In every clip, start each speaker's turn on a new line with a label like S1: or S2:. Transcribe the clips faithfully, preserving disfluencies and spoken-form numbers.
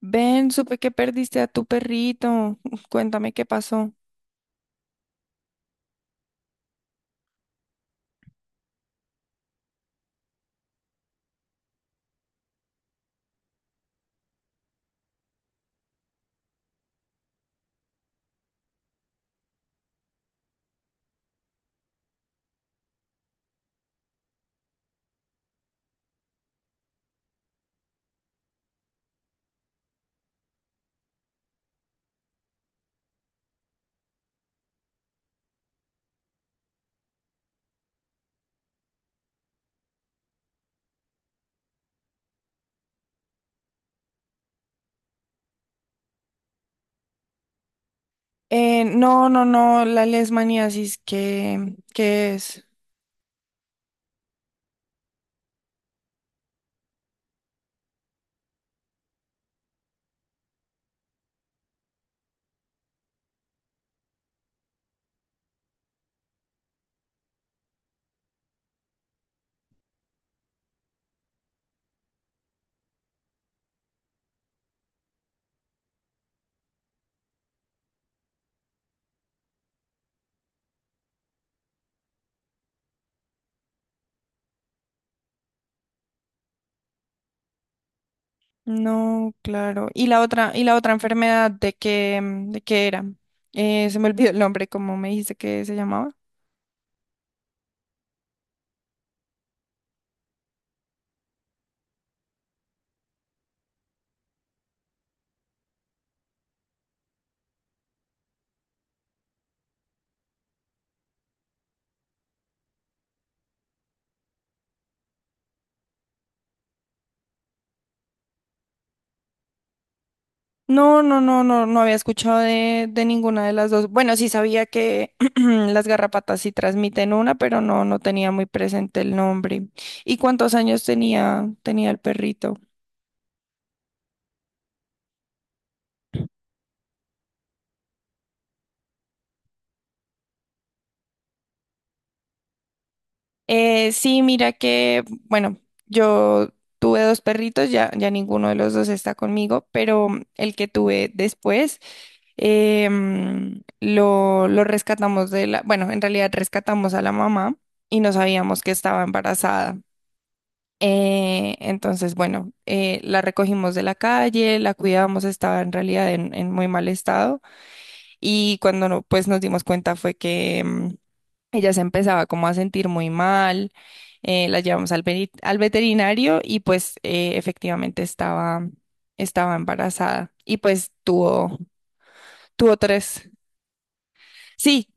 S1: Ven, supe que perdiste a tu perrito. Cuéntame qué pasó. Eh, no, no, no, la lesmaniasis, ¿qué, qué es? No, claro. ¿Y la otra, y la otra enfermedad de qué, mm, de qué era? Eh, se me olvidó el nombre, ¿cómo me dijiste que se llamaba? No, no, no, no, no había escuchado de, de ninguna de las dos. Bueno, sí sabía que las garrapatas sí transmiten una, pero no, no tenía muy presente el nombre. ¿Y cuántos años tenía, tenía el perrito? Eh, sí, mira que, bueno, yo tuve dos perritos, ya, ya ninguno de los dos está conmigo, pero el que tuve después em, lo, lo rescatamos de la, bueno, en realidad rescatamos a la mamá y no sabíamos que estaba embarazada. Eh, entonces, bueno, eh, la recogimos de la calle, la cuidábamos, estaba en realidad en, en muy mal estado y cuando no, pues nos dimos cuenta fue que em, ella se empezaba como a sentir muy mal, eh, la llevamos al, veri- al veterinario y pues eh, efectivamente estaba, estaba embarazada y pues tuvo, tuvo tres, sí,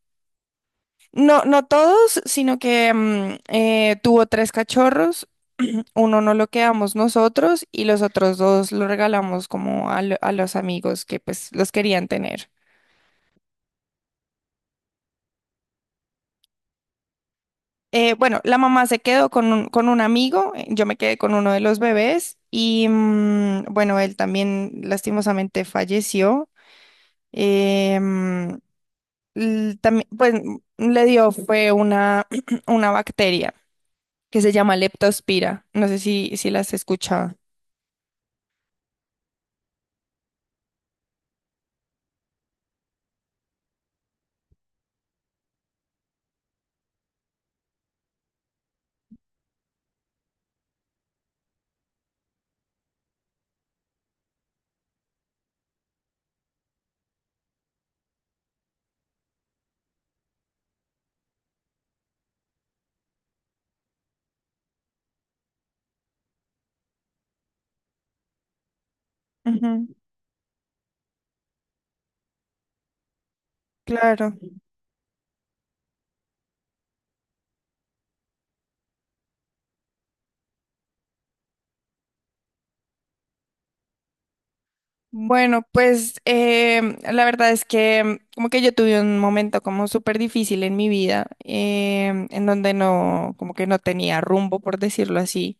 S1: no, no todos, sino que mm, eh, tuvo tres cachorros, uno no lo quedamos nosotros y los otros dos lo regalamos como a, lo- a los amigos que pues los querían tener. Eh, bueno, la mamá se quedó con un, con un amigo, eh, yo me quedé con uno de los bebés y mm, bueno, él también lastimosamente falleció. Eh, mm, l- también, pues mm, le dio fue una, una bacteria que se llama Leptospira. No sé si, si las escuchaba. Ujú, claro. Bueno, pues em, la verdad es que em, como que yo tuve un momento como súper difícil en mi vida, em, en donde no, como que no tenía rumbo, por decirlo así.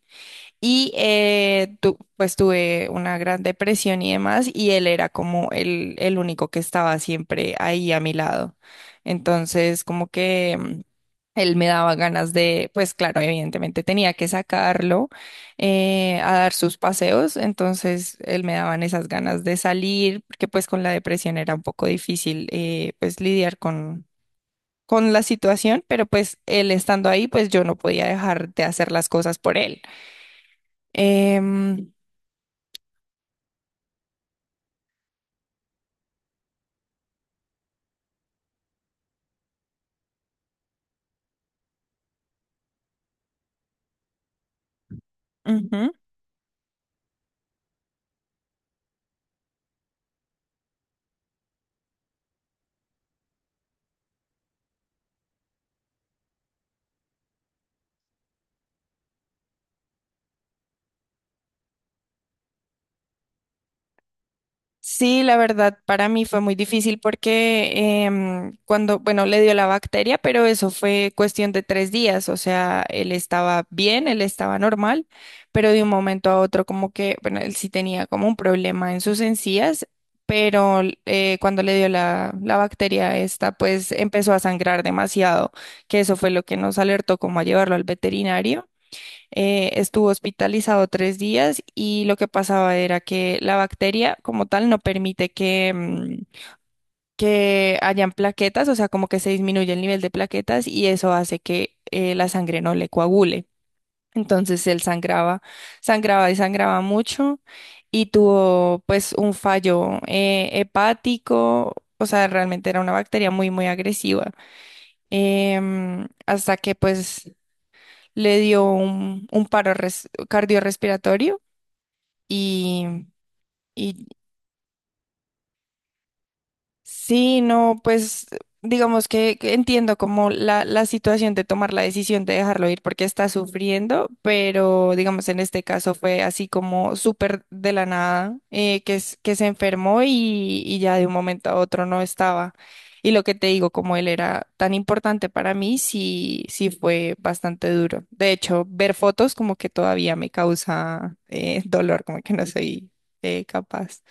S1: Y eh, tu- pues tuve una gran depresión y demás, y él era como el, el único que estaba siempre ahí a mi lado. Entonces, como que mm, él me daba ganas de, pues claro, evidentemente tenía que sacarlo eh, a dar sus paseos, entonces él me daban esas ganas de salir, porque pues con la depresión era un poco difícil eh, pues lidiar con... con la situación, pero pues él estando ahí, pues yo no podía dejar de hacer las cosas por él. Em, ujú. Sí, la verdad, para mí fue muy difícil porque em, cuando, bueno, le dio la bacteria, pero eso fue cuestión de tres días, o sea, él estaba bien, él estaba normal, pero de un momento a otro como que, bueno, él sí tenía como un problema en sus encías, pero eh, cuando le dio la, la bacteria esta, pues empezó a sangrar demasiado, que eso fue lo que nos alertó como a llevarlo al veterinario. Eh, estuvo hospitalizado tres días y lo que pasaba era que la bacteria como tal no permite que, mm, que hayan plaquetas, o sea, como que se disminuye el nivel de plaquetas y eso hace que eh, la sangre no le coagule. Entonces él sangraba, sangraba y sangraba mucho y tuvo pues un fallo eh, hepático, o sea, realmente era una bacteria muy, muy agresiva. Em, hasta que pues le dio un, un paro res- cardiorrespiratorio y, y Sí, no, pues digamos que, que entiendo como la, la situación de tomar la decisión de dejarlo ir porque está sufriendo, pero digamos en este caso fue así como súper de la nada, eh, que, es- que se enfermó y, y ya de un momento a otro no estaba. Y lo que te digo, como él era tan importante para mí, sí, sí fue bastante duro. De hecho, ver fotos como que todavía me causa eh, dolor, como que no soy eh, capaz.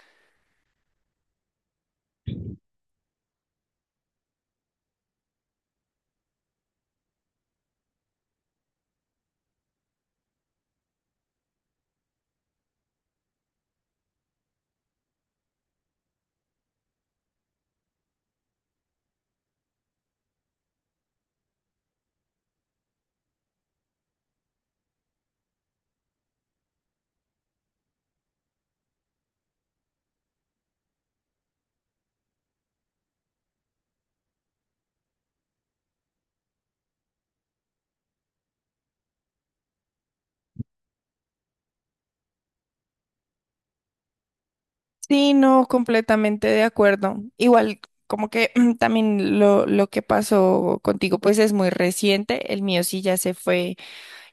S1: Sí, no, completamente de acuerdo. Igual, como que también lo, lo que pasó contigo, pues es muy reciente. El mío sí ya se fue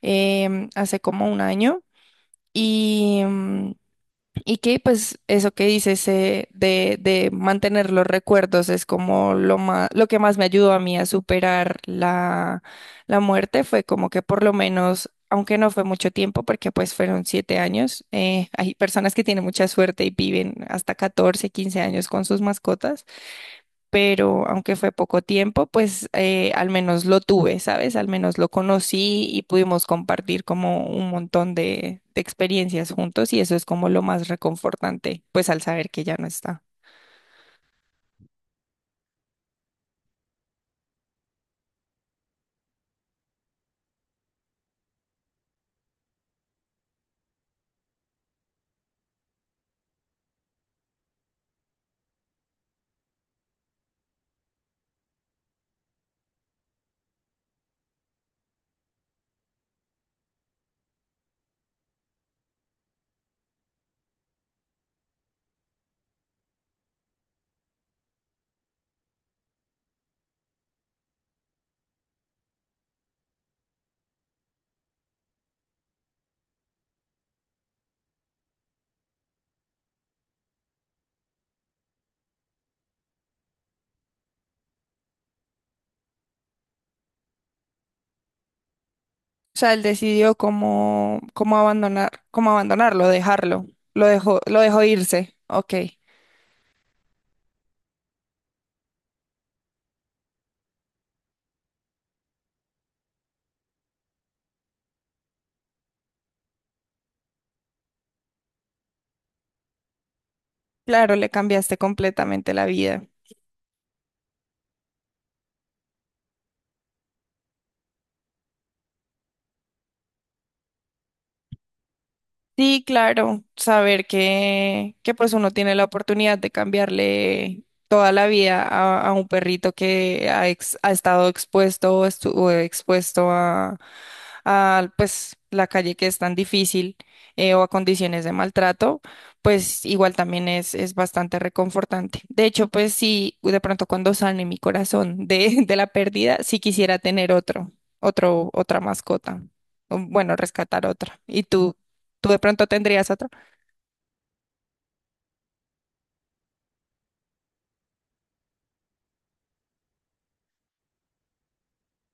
S1: em, hace como un año. Y, mm, y que pues eso que dices eh, de, de mantener los recuerdos es como lo más, lo que más me ayudó a mí a superar la, la muerte fue como que por lo menos, aunque no fue mucho tiempo, porque pues fueron siete años, eh, hay personas que tienen mucha suerte y viven hasta catorce quince años con sus mascotas, pero aunque fue poco tiempo, pues eh, al menos lo tuve, ¿sabes? Al menos lo conocí y pudimos compartir como un montón de, de experiencias juntos y eso es como lo más reconfortante, pues al saber que ya no está. O sea, él decidió cómo, cómo abandonar, cómo abandonarlo, dejarlo, lo dejó, lo dejó irse, ok. Claro, le cambiaste completamente la vida. Sí, claro, saber que, que pues uno tiene la oportunidad de cambiarle toda la vida a, a un perrito que ha, ex- ha estado expuesto o estuvo expuesto a pues la calle, que es tan difícil, eh, o a condiciones de maltrato, pues igual también es, es bastante reconfortante. De hecho, pues sí, de pronto cuando sane mi corazón de, de la pérdida, sí quisiera tener otro, otro, otra mascota, o, bueno, rescatar otra. ¿Y tú, tú de pronto tendrías otra?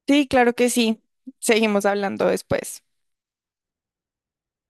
S1: Sí, claro que sí. Seguimos hablando después.